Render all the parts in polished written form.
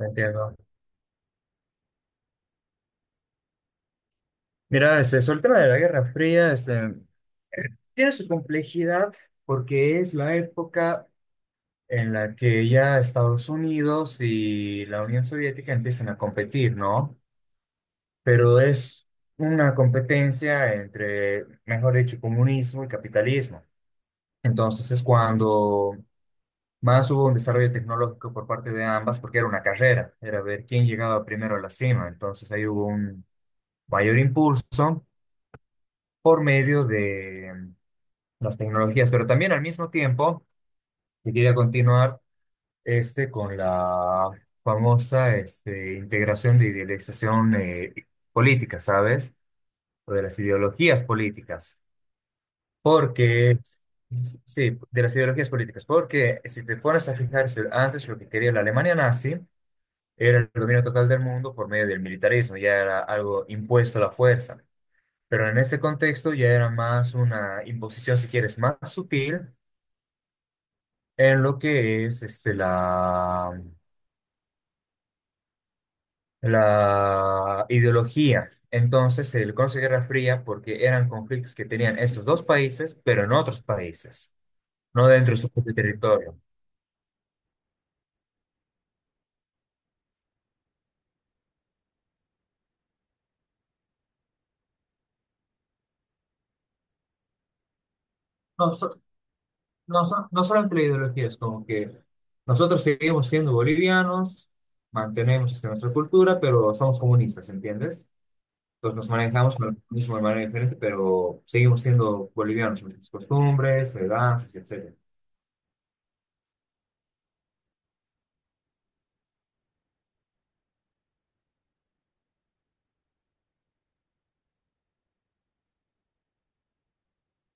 Entiendo. Mira, sobre el tema de la Guerra Fría, tiene su complejidad porque es la época en la que ya Estados Unidos y la Unión Soviética empiezan a competir, ¿no? Pero es una competencia entre, mejor dicho, comunismo y capitalismo. Entonces es cuando más hubo un desarrollo tecnológico por parte de ambas porque era una carrera, era ver quién llegaba primero a la cima. Entonces ahí hubo un mayor impulso por medio de las tecnologías, pero también al mismo tiempo se quería continuar con la famosa integración de idealización política, ¿sabes? O de las ideologías políticas, porque, sí, de las ideologías políticas, porque si te pones a fijarse, antes lo que quería la Alemania nazi era el dominio total del mundo por medio del militarismo, ya era algo impuesto a la fuerza. Pero en ese contexto ya era más una imposición, si quieres, más sutil, en lo que es la ideología. Entonces se le conoce Guerra Fría porque eran conflictos que tenían estos dos países, pero en otros países, no dentro de su propio territorio. No, so- no solo entre ideologías, como que nosotros seguimos siendo bolivianos, mantenemos nuestra cultura, pero somos comunistas, ¿entiendes? Entonces nos manejamos con el comunismo de manera diferente, pero seguimos siendo bolivianos, nuestras costumbres, danzas, etc.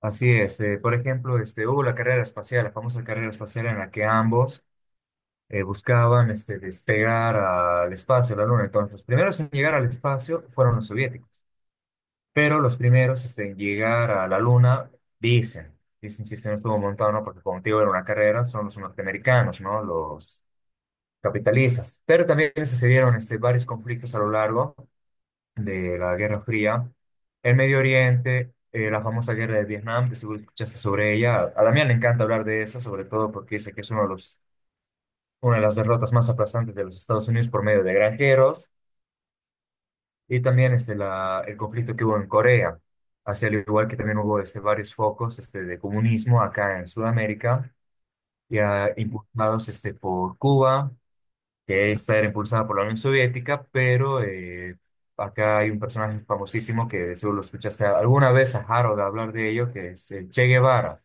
Así es, por ejemplo, hubo la carrera espacial, la famosa carrera espacial en la que ambos buscaban despegar al espacio, a la Luna. Entonces, los primeros en llegar al espacio fueron los soviéticos, pero los primeros en llegar a la Luna, dicen, dicen si se no estuvo montado, ¿no? Porque como te digo, era una carrera, son los norteamericanos, ¿no? Los capitalistas. Pero también se dieron varios conflictos a lo largo de la Guerra Fría, el Medio Oriente, la famosa guerra de Vietnam, que seguro escuchaste sobre ella. A Damián le encanta hablar de eso, sobre todo porque dice que es una de las derrotas más aplastantes de los Estados Unidos por medio de granjeros, y también el conflicto que hubo en Corea, hacia al igual que también hubo varios focos de comunismo acá en Sudamérica, ya impulsados por Cuba. Que esta era impulsada por la Unión Soviética, pero acá hay un personaje famosísimo que seguro lo escuchaste alguna vez a Harold hablar de ello, que es el Che Guevara,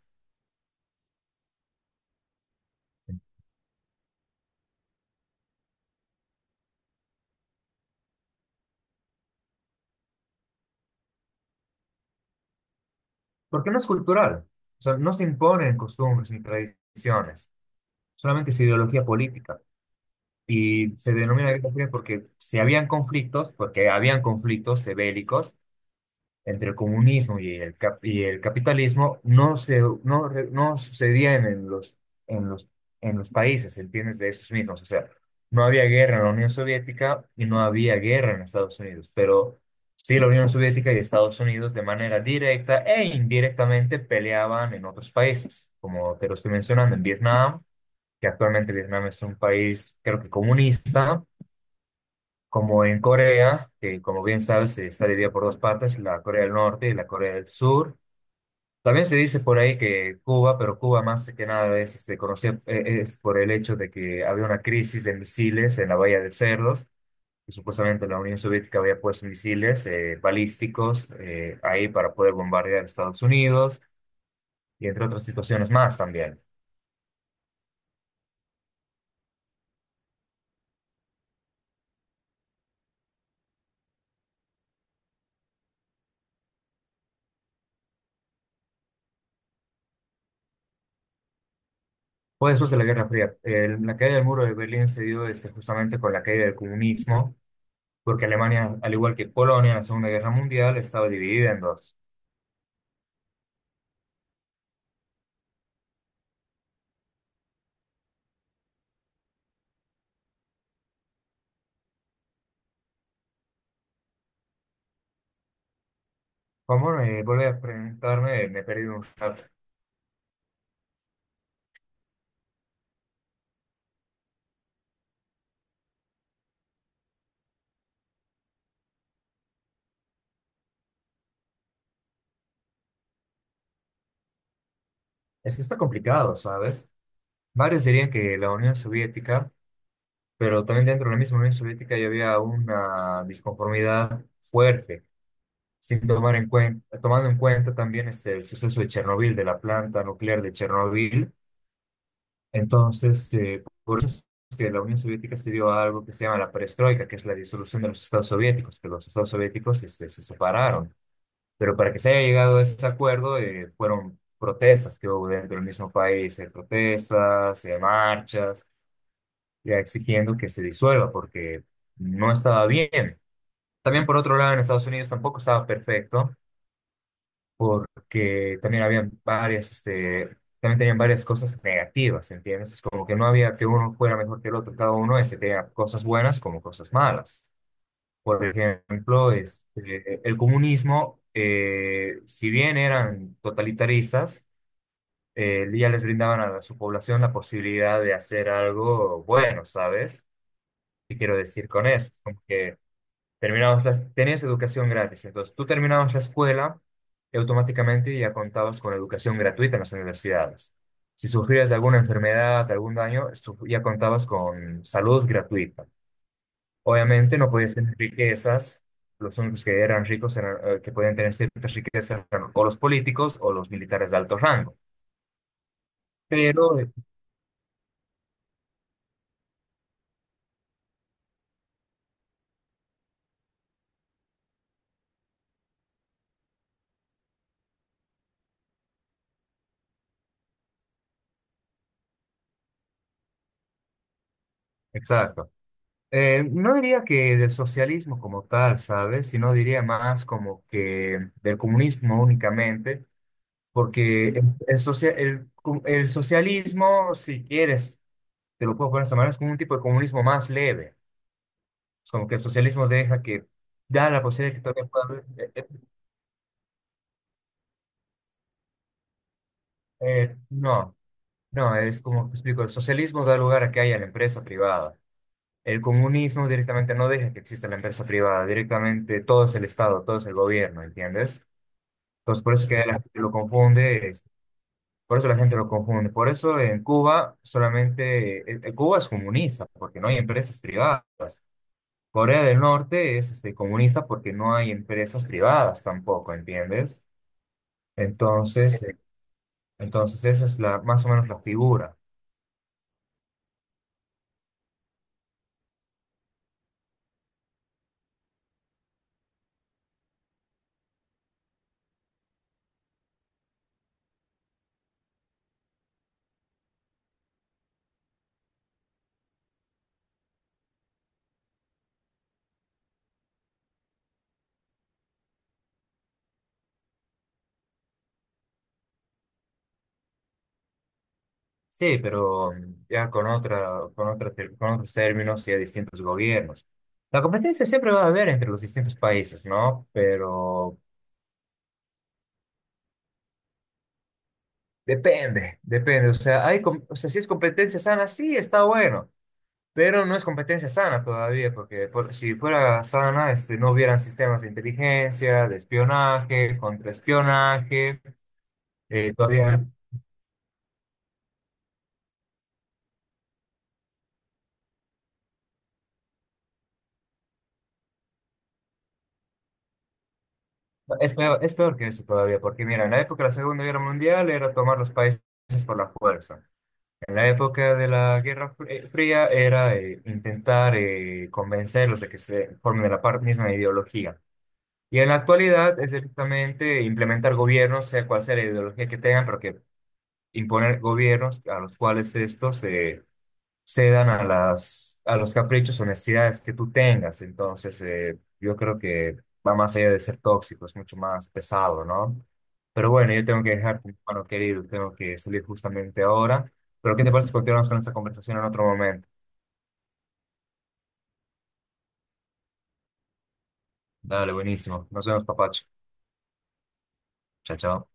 porque no es cultural, o sea, no se imponen costumbres ni tradiciones, solamente es ideología política. Y se denomina guerra fría porque si habían conflictos, porque habían conflictos bélicos, entre el comunismo y el capitalismo no, se, no, re- no sucedían en en los, los países, ¿entiendes? De esos mismos. O sea, no había guerra en la Unión Soviética y no había guerra en Estados Unidos, pero sí la Unión Soviética y Estados Unidos de manera directa e indirectamente peleaban en otros países, como te lo estoy mencionando, en Vietnam, que actualmente Vietnam es un país, creo que comunista como en Corea, que como bien sabes está dividida por dos partes, la Corea del Norte y la Corea del Sur. También se dice por ahí que Cuba, pero Cuba más que nada es conocida es por el hecho de que había una crisis de misiles en la Bahía de Cerdos, y supuestamente la Unión Soviética había puesto misiles balísticos ahí para poder bombardear Estados Unidos y entre otras situaciones más también. Fue después de la Guerra Fría. La caída del muro de Berlín se dio justamente con la caída del comunismo porque Alemania, al igual que Polonia en la Segunda Guerra Mundial, estaba dividida en dos. ¿Cómo me vuelve a preguntarme? Me he perdido un rato. Es que está complicado, ¿sabes? Varios dirían que la Unión Soviética, pero también dentro de la misma Unión Soviética ya había una disconformidad fuerte, sin tomar en cuenta, tomando en cuenta también el suceso de Chernobyl, de la planta nuclear de Chernobyl. Entonces, por eso es que la Unión Soviética se dio a algo que se llama la perestroika, que es la disolución de los Estados soviéticos, que los Estados soviéticos se separaron. Pero para que se haya llegado a ese acuerdo, fueron protestas que hubo dentro del mismo país, protestas, marchas, ya exigiendo que se disuelva porque no estaba bien. También, por otro lado, en Estados Unidos tampoco estaba perfecto porque también habían varias, también tenían varias cosas negativas, ¿entiendes? Es como que no había que uno fuera mejor que el otro, cada uno tenía cosas buenas como cosas malas. Por ejemplo, el comunismo, si bien eran totalitaristas, ya les brindaban a su población la posibilidad de hacer algo bueno, ¿sabes? ¿Qué quiero decir con eso? Como que terminabas tenías educación gratis, entonces tú terminabas la escuela y automáticamente ya contabas con educación gratuita en las universidades. Si sufrías de alguna enfermedad, algún daño, ya contabas con salud gratuita. Obviamente no podías tener riquezas, los únicos que eran ricos eran, que podían tener ciertas riquezas eran o los políticos o los militares de alto rango. Pero, exacto. No diría que del socialismo como tal, ¿sabes? Sino diría más como que del comunismo únicamente. Porque el socialismo, si quieres, te lo puedo poner de esta manera, es como un tipo de comunismo más leve. Es como que el socialismo deja que da la posibilidad de que todavía pueda no, no, es como te explico, el socialismo da lugar a que haya la empresa privada. El comunismo directamente no deja que exista la empresa privada, directamente todo es el Estado, todo es el gobierno, ¿entiendes? Entonces, por eso que la gente lo confunde. Por eso la gente lo confunde. Por eso en Cuba solamente, Cuba es comunista porque no hay empresas privadas. Corea del Norte es comunista porque no hay empresas privadas tampoco, ¿entiendes? Entonces, entonces esa es la, más o menos la figura. Sí, pero ya con otra, con con otros términos y a distintos gobiernos. La competencia siempre va a haber entre los distintos países, ¿no? Pero depende, depende. O sea, o sea, si es competencia sana, sí, está bueno. Pero no es competencia sana todavía, si fuera sana, no hubieran sistemas de inteligencia, de espionaje, contraespionaje. Todavía es peor que eso todavía, porque mira, en la época de la Segunda Guerra Mundial era tomar los países por la fuerza. En la época de la Fría era intentar convencerlos de que se formen de la misma ideología. Y en la actualidad es directamente implementar gobiernos, sea cual sea la ideología que tengan, porque imponer gobiernos a los cuales estos se cedan a a los caprichos o necesidades que tú tengas. Entonces, yo creo que va más allá de ser tóxico, es mucho más pesado, ¿no? Pero bueno, yo tengo que dejarte, mi hermano querido, tengo que salir justamente ahora. Pero ¿qué te parece si continuamos con esta conversación en otro momento? Dale, buenísimo. Nos vemos, papacho. Chao, chao.